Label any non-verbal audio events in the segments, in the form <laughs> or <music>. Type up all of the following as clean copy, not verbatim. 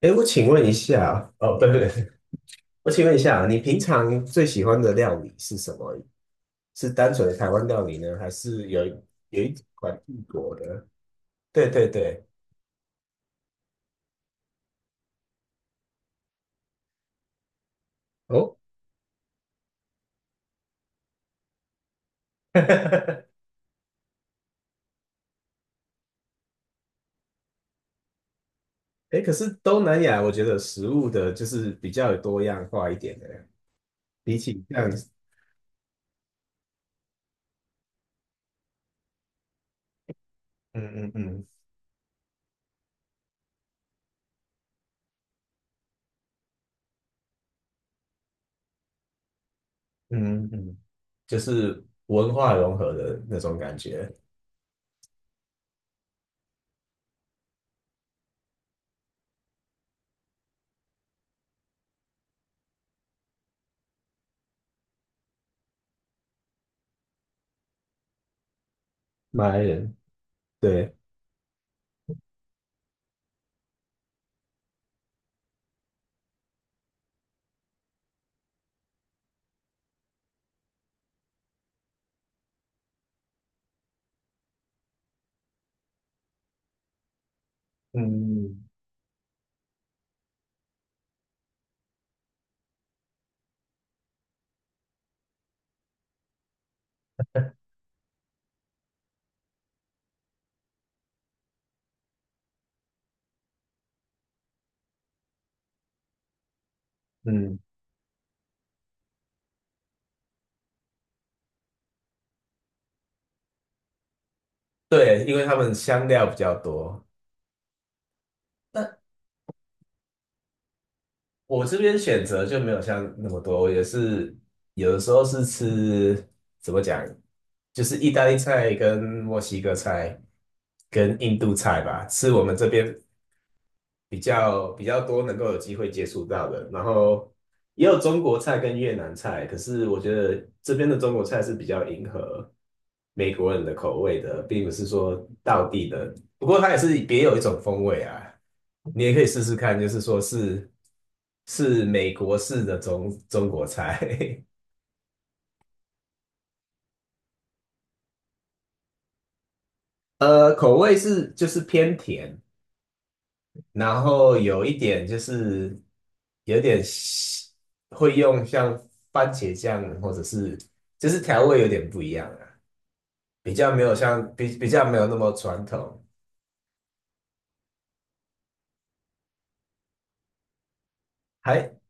哎，我请问一下，哦，对对对，我请问一下啊，你平常最喜欢的料理是什么？是单纯的台湾料理呢，还是有一款异国的？对对对，哦，<laughs> 哎可是东南亚，我觉得食物的就是比较有多样化一点的，比起像嗯嗯嗯嗯嗯，就是文化融合的那种感觉。马来人，对，嗯嗯，对，因为他们香料比较多。那。我这边选择就没有像那么多，我也是有的时候是吃，怎么讲，就是意大利菜跟墨西哥菜跟印度菜吧，吃我们这边比较多能够有机会接触到的，然后也有中国菜跟越南菜，可是我觉得这边的中国菜是比较迎合美国人的口味的，并不是说到地的，不过它也是别有一种风味啊，你也可以试试看，就是说是美国式的中国菜，<laughs> 口味是就是偏甜，然后有一点就是有点西会用像番茄酱或者是就是调味有点不一样啊，比较没有像比较没有那么传统，还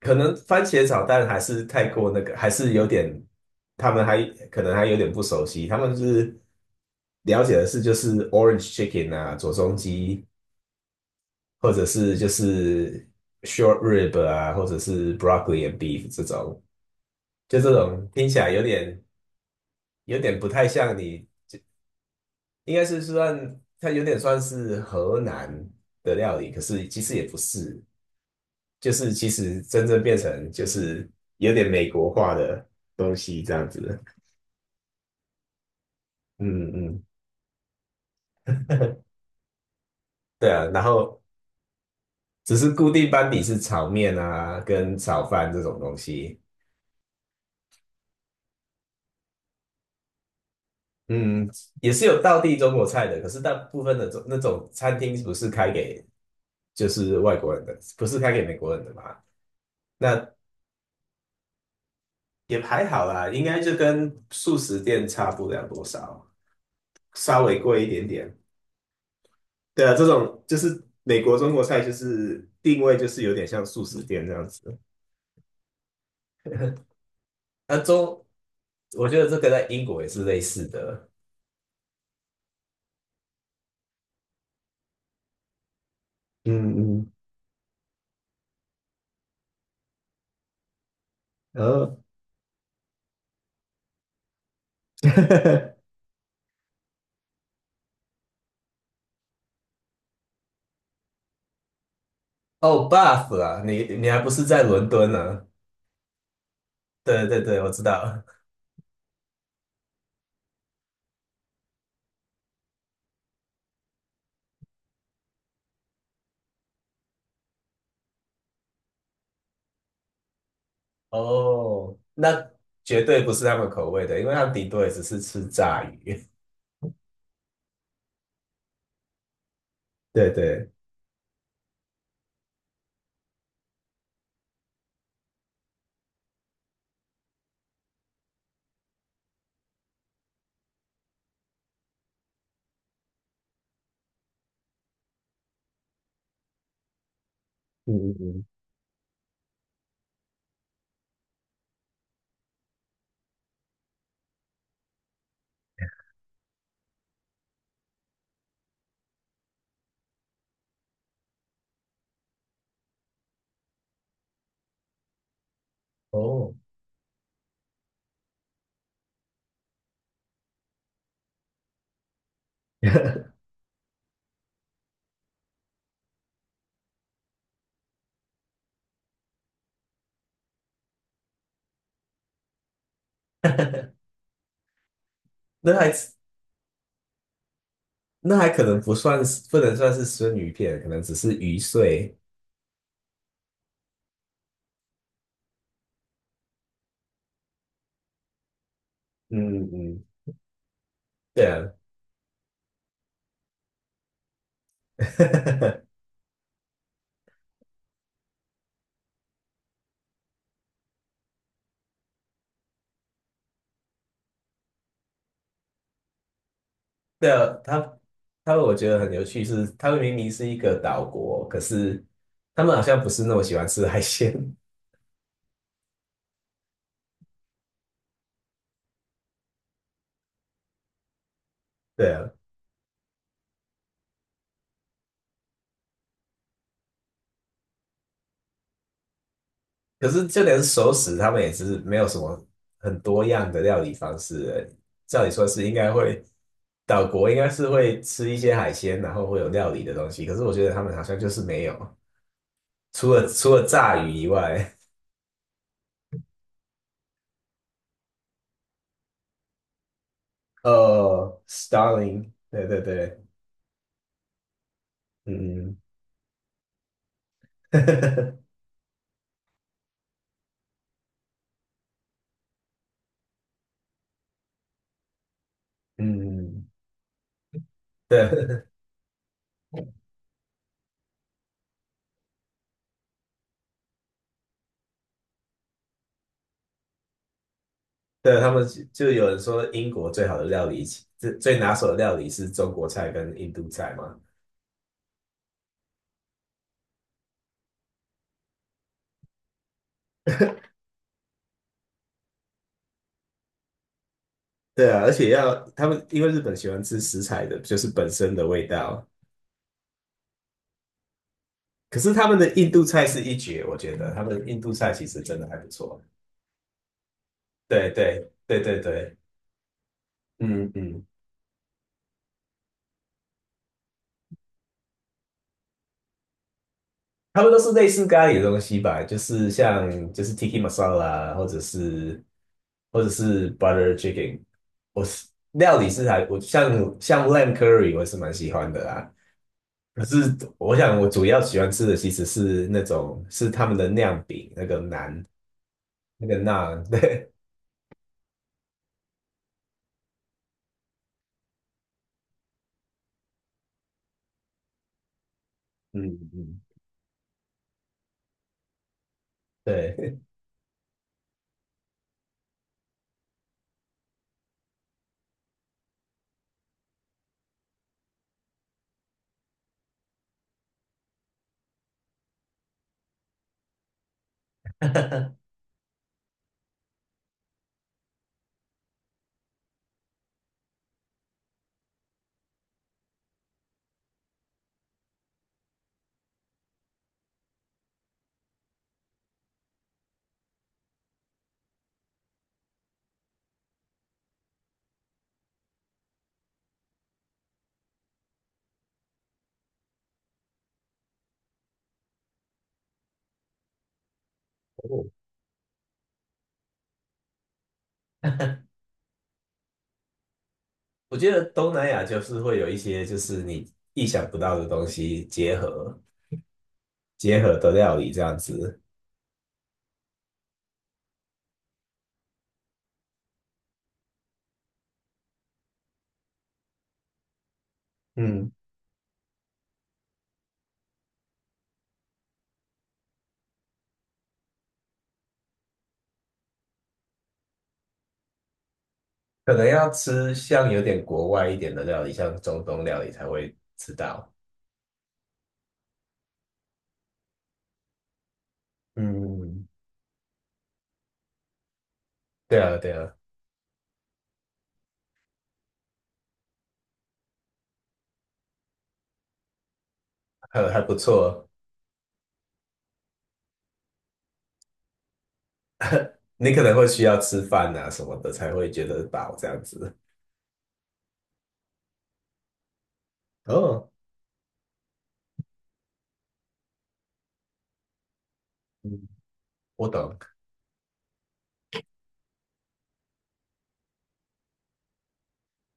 可能番茄炒蛋还是太过那个，还是有点他们还可能还有点不熟悉，他们是了解的是就是 orange chicken 啊，左宗基或者是就是 short rib 啊，或者是 broccoli and beef 这种，就这种听起来有点。有点不太像你，应该是算它有点算是河南的料理，可是其实也不是，就是其实真正变成就是有点美国化的东西这样子。嗯嗯，对啊，然后只是固定班底是炒面啊跟炒饭这种东西。嗯，也是有道地中国菜的，可是大部分的中那种餐厅不是开给就是外国人的，不是开给美国人的嘛？那也还好啦，应该就跟素食店差不了多少，稍微贵一点点。对啊，这种就是美国中国菜，就是定位就是有点像素食店这样子。那中，我觉得这个在英国也是类似的。嗯嗯，然后 <laughs> 哦 BUFF 啊，你还不是在伦敦呢？对对对，我知道。哦，那绝对不是他们口味的，因为他们顶多也只是吃炸鱼。<laughs> 对对，嗯嗯嗯，哦，<laughs> 那还那还可能不算是，不能算是生鱼片，可能只是鱼碎。嗯嗯，对啊，<laughs> 对啊，他们我觉得很有趣是，他们明明是一个岛国，可是他们好像不是那么喜欢吃海鲜。<laughs> 对啊，可是就连熟食，他们也是没有什么很多样的料理方式。照理说是应该会，岛国应该是会吃一些海鲜，然后会有料理的东西。可是我觉得他们好像就是没有，除了炸鱼以外。Starling，对对对，嗯 <laughs> 嗯，对 <laughs> 对，他们有人说英国最好的料理，最拿手的料理是中国菜跟印度菜嘛。对啊，而且要他们因为日本喜欢吃食材的，就是本身的味道。可是他们的印度菜是一绝，我觉得他们印度菜其实真的还不错。对对对对对，嗯嗯，他们都是类似咖喱的东西吧，就是像就是 tiki masala 啊或者是或者是 butter chicken，我是料理是还我像像 lamb curry 我是蛮喜欢的啦。可是我想我主要喜欢吃的其实是那种是他们的酿饼，那个馕，那个馕，<laughs> 对嗯嗯，对。<laughs> 哦我觉得东南亚就是会有一些就是你意想不到的东西结合结合的料理这样子，嗯，可能要吃像有点国外一点的料理，像中东料理才会吃到。嗯，对啊，对啊。还还不错哦。<laughs> 你可能会需要吃饭啊什么的才会觉得饱这样子。哦，嗯我懂。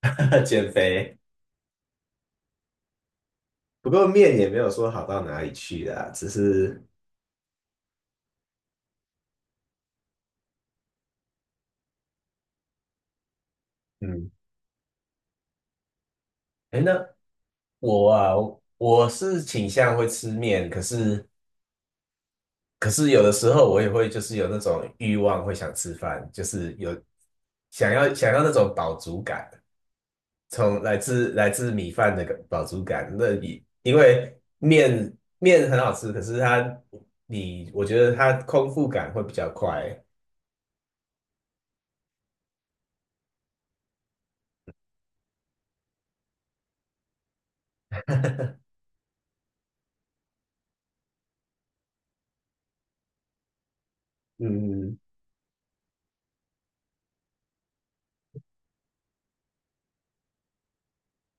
<laughs> 减肥，不过面也没有说好到哪里去啦，只是嗯，哎，那我啊，我是倾向会吃面，可是有的时候我也会就是有那种欲望会想吃饭，就是有想要那种饱足感。从来自米饭的饱足感，那你因为面很好吃，可是它你我觉得它空腹感会比较快。嗯，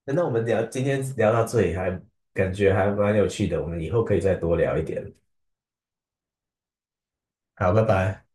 那我们聊今天聊到这里还感觉还蛮有趣的，我们以后可以再多聊一点。好，拜拜。